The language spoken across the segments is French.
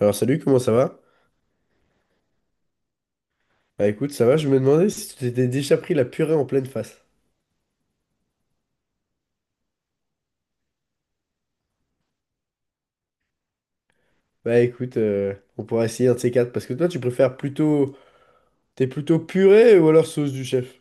Alors salut, comment ça va? Bah écoute, ça va, je me demandais si tu t'étais déjà pris la purée en pleine face. Bah écoute, on pourra essayer un de ces quatre, parce que toi tu préfères plutôt... T'es plutôt purée ou alors sauce du chef?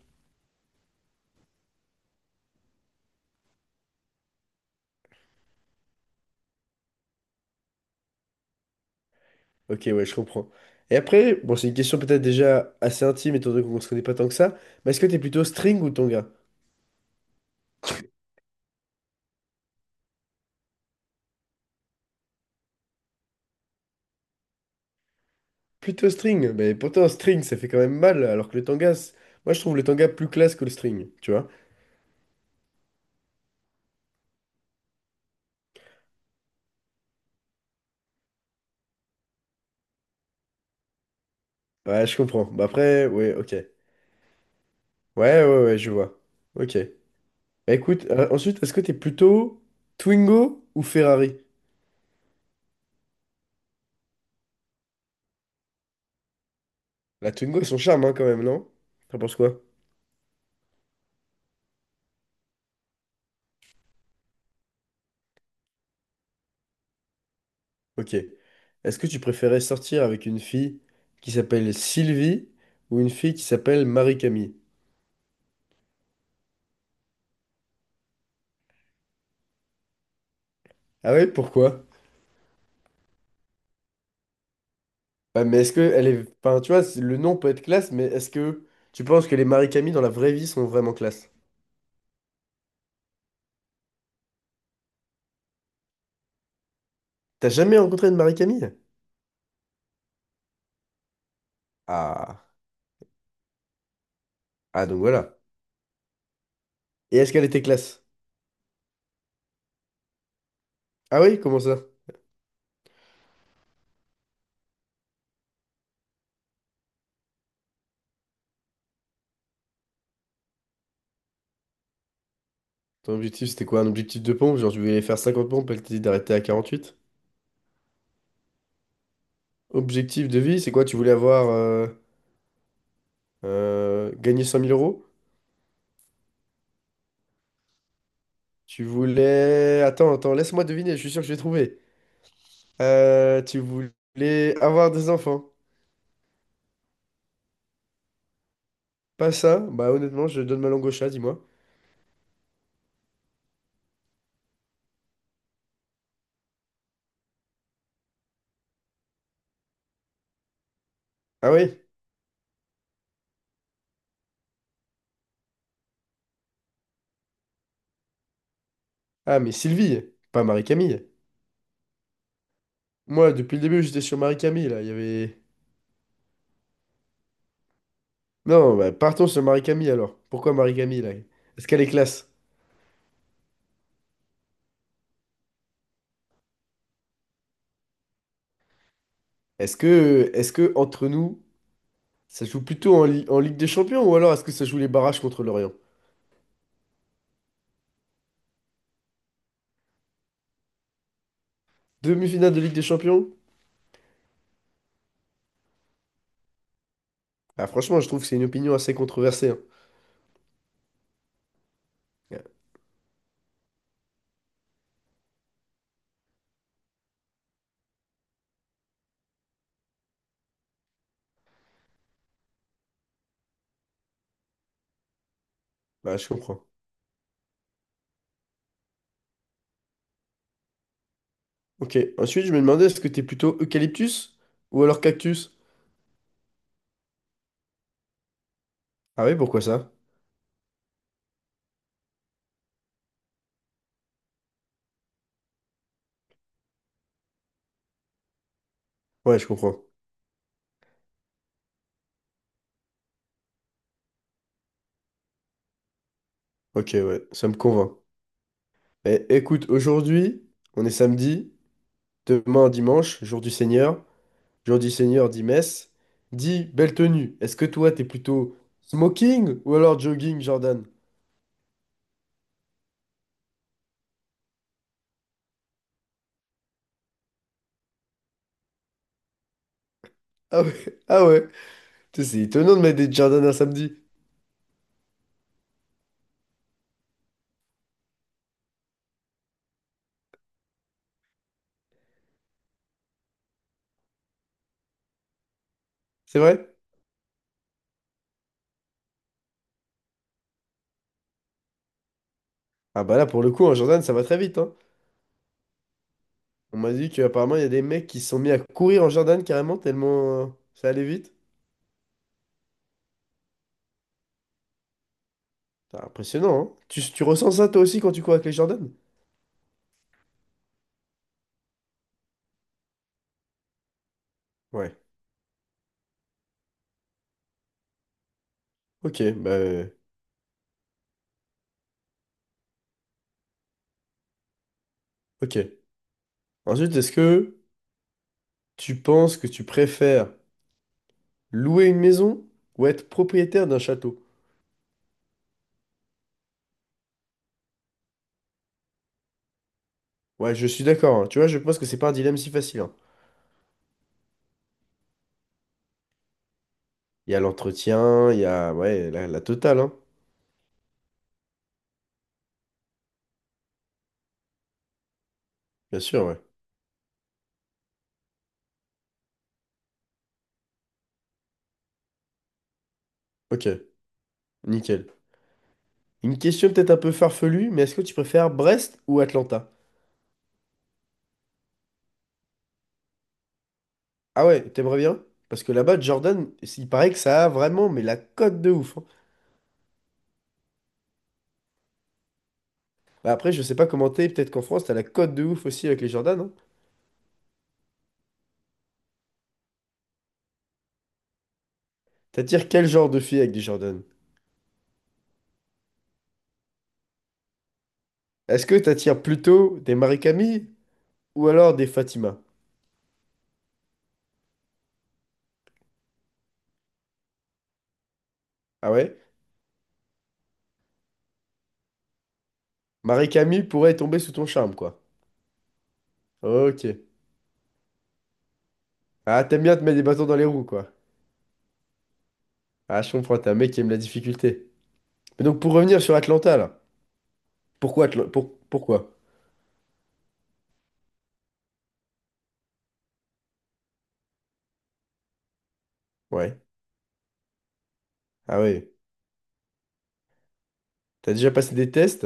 Ok, ouais, je comprends. Et après, bon c'est une question peut-être déjà assez intime, étant donné qu'on se connaît pas tant que ça, mais est-ce que t'es plutôt string ou tanga? Plutôt string, mais pourtant string ça fait quand même mal, alors que le tanga, c'est- moi je trouve le tanga plus classe que le string, tu vois? Ouais, je comprends. Bah après, ouais, ok. Ouais, ouais, je vois. Ok. Bah, écoute, ensuite, est-ce que t'es plutôt Twingo ou Ferrari? La Twingo a son charme, hein, quand même, non? T'en penses quoi? Ok. Est-ce que tu préférais sortir avec une fille qui s'appelle Sylvie ou une fille qui s'appelle Marie-Camille? Ah ouais, pourquoi? Bah, mais est-ce que elle est... Enfin, tu vois, c'est- le nom peut être classe, mais est-ce que tu penses que les Marie-Camille dans la vraie vie sont vraiment classe? T'as jamais rencontré une Marie-Camille? Ah. Ah, donc voilà. Et est-ce qu'elle était classe? Ah oui, comment ça? Ton objectif, c'était quoi? Un objectif de pompe? Genre, tu voulais faire 50 pompes et que t'as dit d'arrêter à 48. Objectif de vie, c'est quoi? Tu voulais avoir gagné 100 000 euros? Tu voulais. Attends, attends, laisse-moi deviner, je suis sûr que je vais trouver. Tu voulais avoir des enfants? Pas ça? Bah, honnêtement, je donne ma langue au chat, dis-moi. Ah oui? Ah, mais Sylvie, pas Marie-Camille. Moi, depuis le début, j'étais sur Marie-Camille, là. Il y avait. Non, bah, partons sur Marie-Camille alors. Pourquoi Marie-Camille, là? Est-ce qu'elle est classe? Est-ce que entre nous. Ça joue plutôt en, Li- en Ligue des Champions ou alors est-ce que ça joue les barrages contre l'Orient? Demi-finale de Ligue des Champions? Ah, franchement, je trouve que c'est une opinion assez controversée, hein. Ouais. Bah, je comprends. Ok, ensuite, je me demandais est-ce que t'es plutôt eucalyptus ou alors cactus? Ah oui, pourquoi ça? Ouais, je comprends. Ok, ouais, ça me convainc. Eh, écoute, aujourd'hui, on est samedi, demain dimanche, jour du Seigneur. Jour du Seigneur dit messe, dit belle tenue. Est-ce que toi, t'es plutôt smoking ou alors jogging, Jordan? Ah ouais, ah ouais. Tu sais, c'est étonnant de mettre des Jordan un samedi. C'est vrai? Ah bah là, pour le coup, en Jordan, ça va très vite, hein. On m'a dit qu'apparemment, il y a des mecs qui se sont mis à courir en Jordan carrément tellement ça allait vite. C'est impressionnant, hein. Tu ressens ça toi aussi quand tu cours avec les Jordan? Ouais. Ok, bah... ok. Ensuite, est-ce que tu penses que tu préfères louer une maison ou être propriétaire d'un château? Ouais, je suis d'accord, hein. Tu vois, je pense que c'est pas un dilemme si facile, hein. Il y a l'entretien, il y a... Ouais, la totale, hein. Bien sûr, ouais. Ok, nickel. Une question peut-être un peu farfelue, mais est-ce que tu préfères Brest ou Atlanta? Ah ouais, t'aimerais bien? Parce que là-bas, Jordan, il paraît que ça a vraiment, mais la cote de ouf, hein. Bah après, je sais pas comment t'es, peut-être qu'en France, t'as la cote de ouf aussi avec les Jordan, hein. T'attires quel genre de filles avec des Jordan? Est-ce que t'attires plutôt des Marie-Camille ou alors des Fatima? Ah ouais? Marie-Camille pourrait tomber sous ton charme, quoi. Ok. Ah, t'aimes bien te mettre des bâtons dans les roues, quoi. Ah, je comprends, t'es un mec qui aime la difficulté. Mais donc, pour revenir sur Atlanta, là. Pourquoi Atla- pour... Pourquoi? Ouais. Ah oui. T'as déjà passé des tests?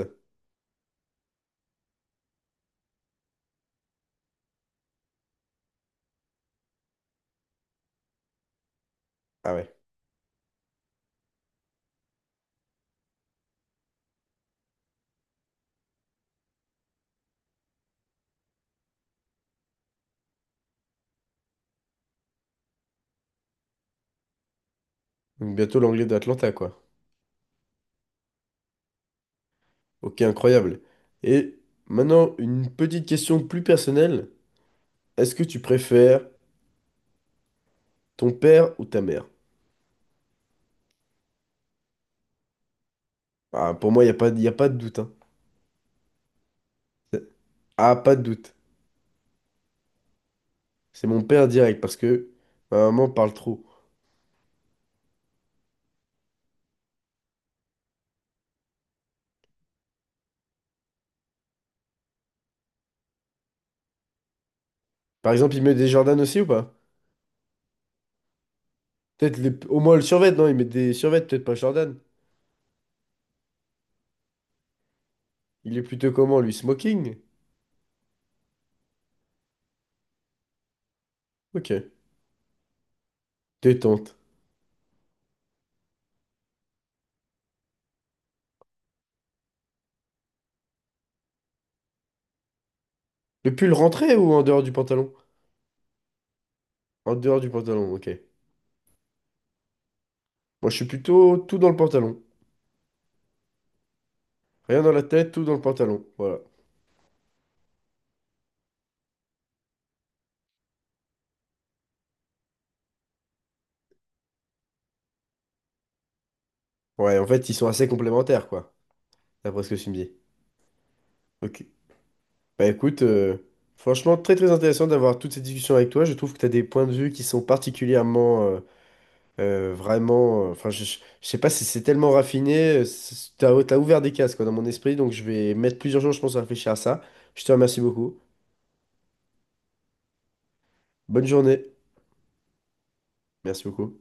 Ah ouais. Donc bientôt l'anglais d'Atlanta, quoi. Ok, incroyable. Et maintenant, une petite question plus personnelle. Est-ce que tu préfères ton père ou ta mère? Ah, pour moi, il n'y a pas, y a pas de doute, hein. Ah, pas de doute. C'est mon père direct parce que ma maman parle trop. Par exemple, il met des Jordan aussi ou pas? Peut-être les- au moins le survêt, non? Il met des survêtements, peut-être pas Jordan. Il est plutôt comment, lui? Smoking? Ok. Détente. Le pull rentré ou en dehors du pantalon? En dehors du pantalon, ok. Moi, je suis plutôt tout dans le pantalon. Rien dans la tête, tout dans le pantalon. Voilà. Ouais, en fait, ils sont assez complémentaires, quoi, d'après ce que tu me dis. Ok. Bah écoute, franchement, très très intéressant d'avoir toutes ces discussions avec toi. Je trouve que tu as des points de vue qui sont particulièrement, vraiment... Enfin, je sais pas si c'est tellement raffiné. Tu as, ouvert des cases, quoi, dans mon esprit. Donc, je vais mettre plusieurs jours, je pense, à réfléchir à ça. Je te remercie beaucoup. Bonne journée. Merci beaucoup.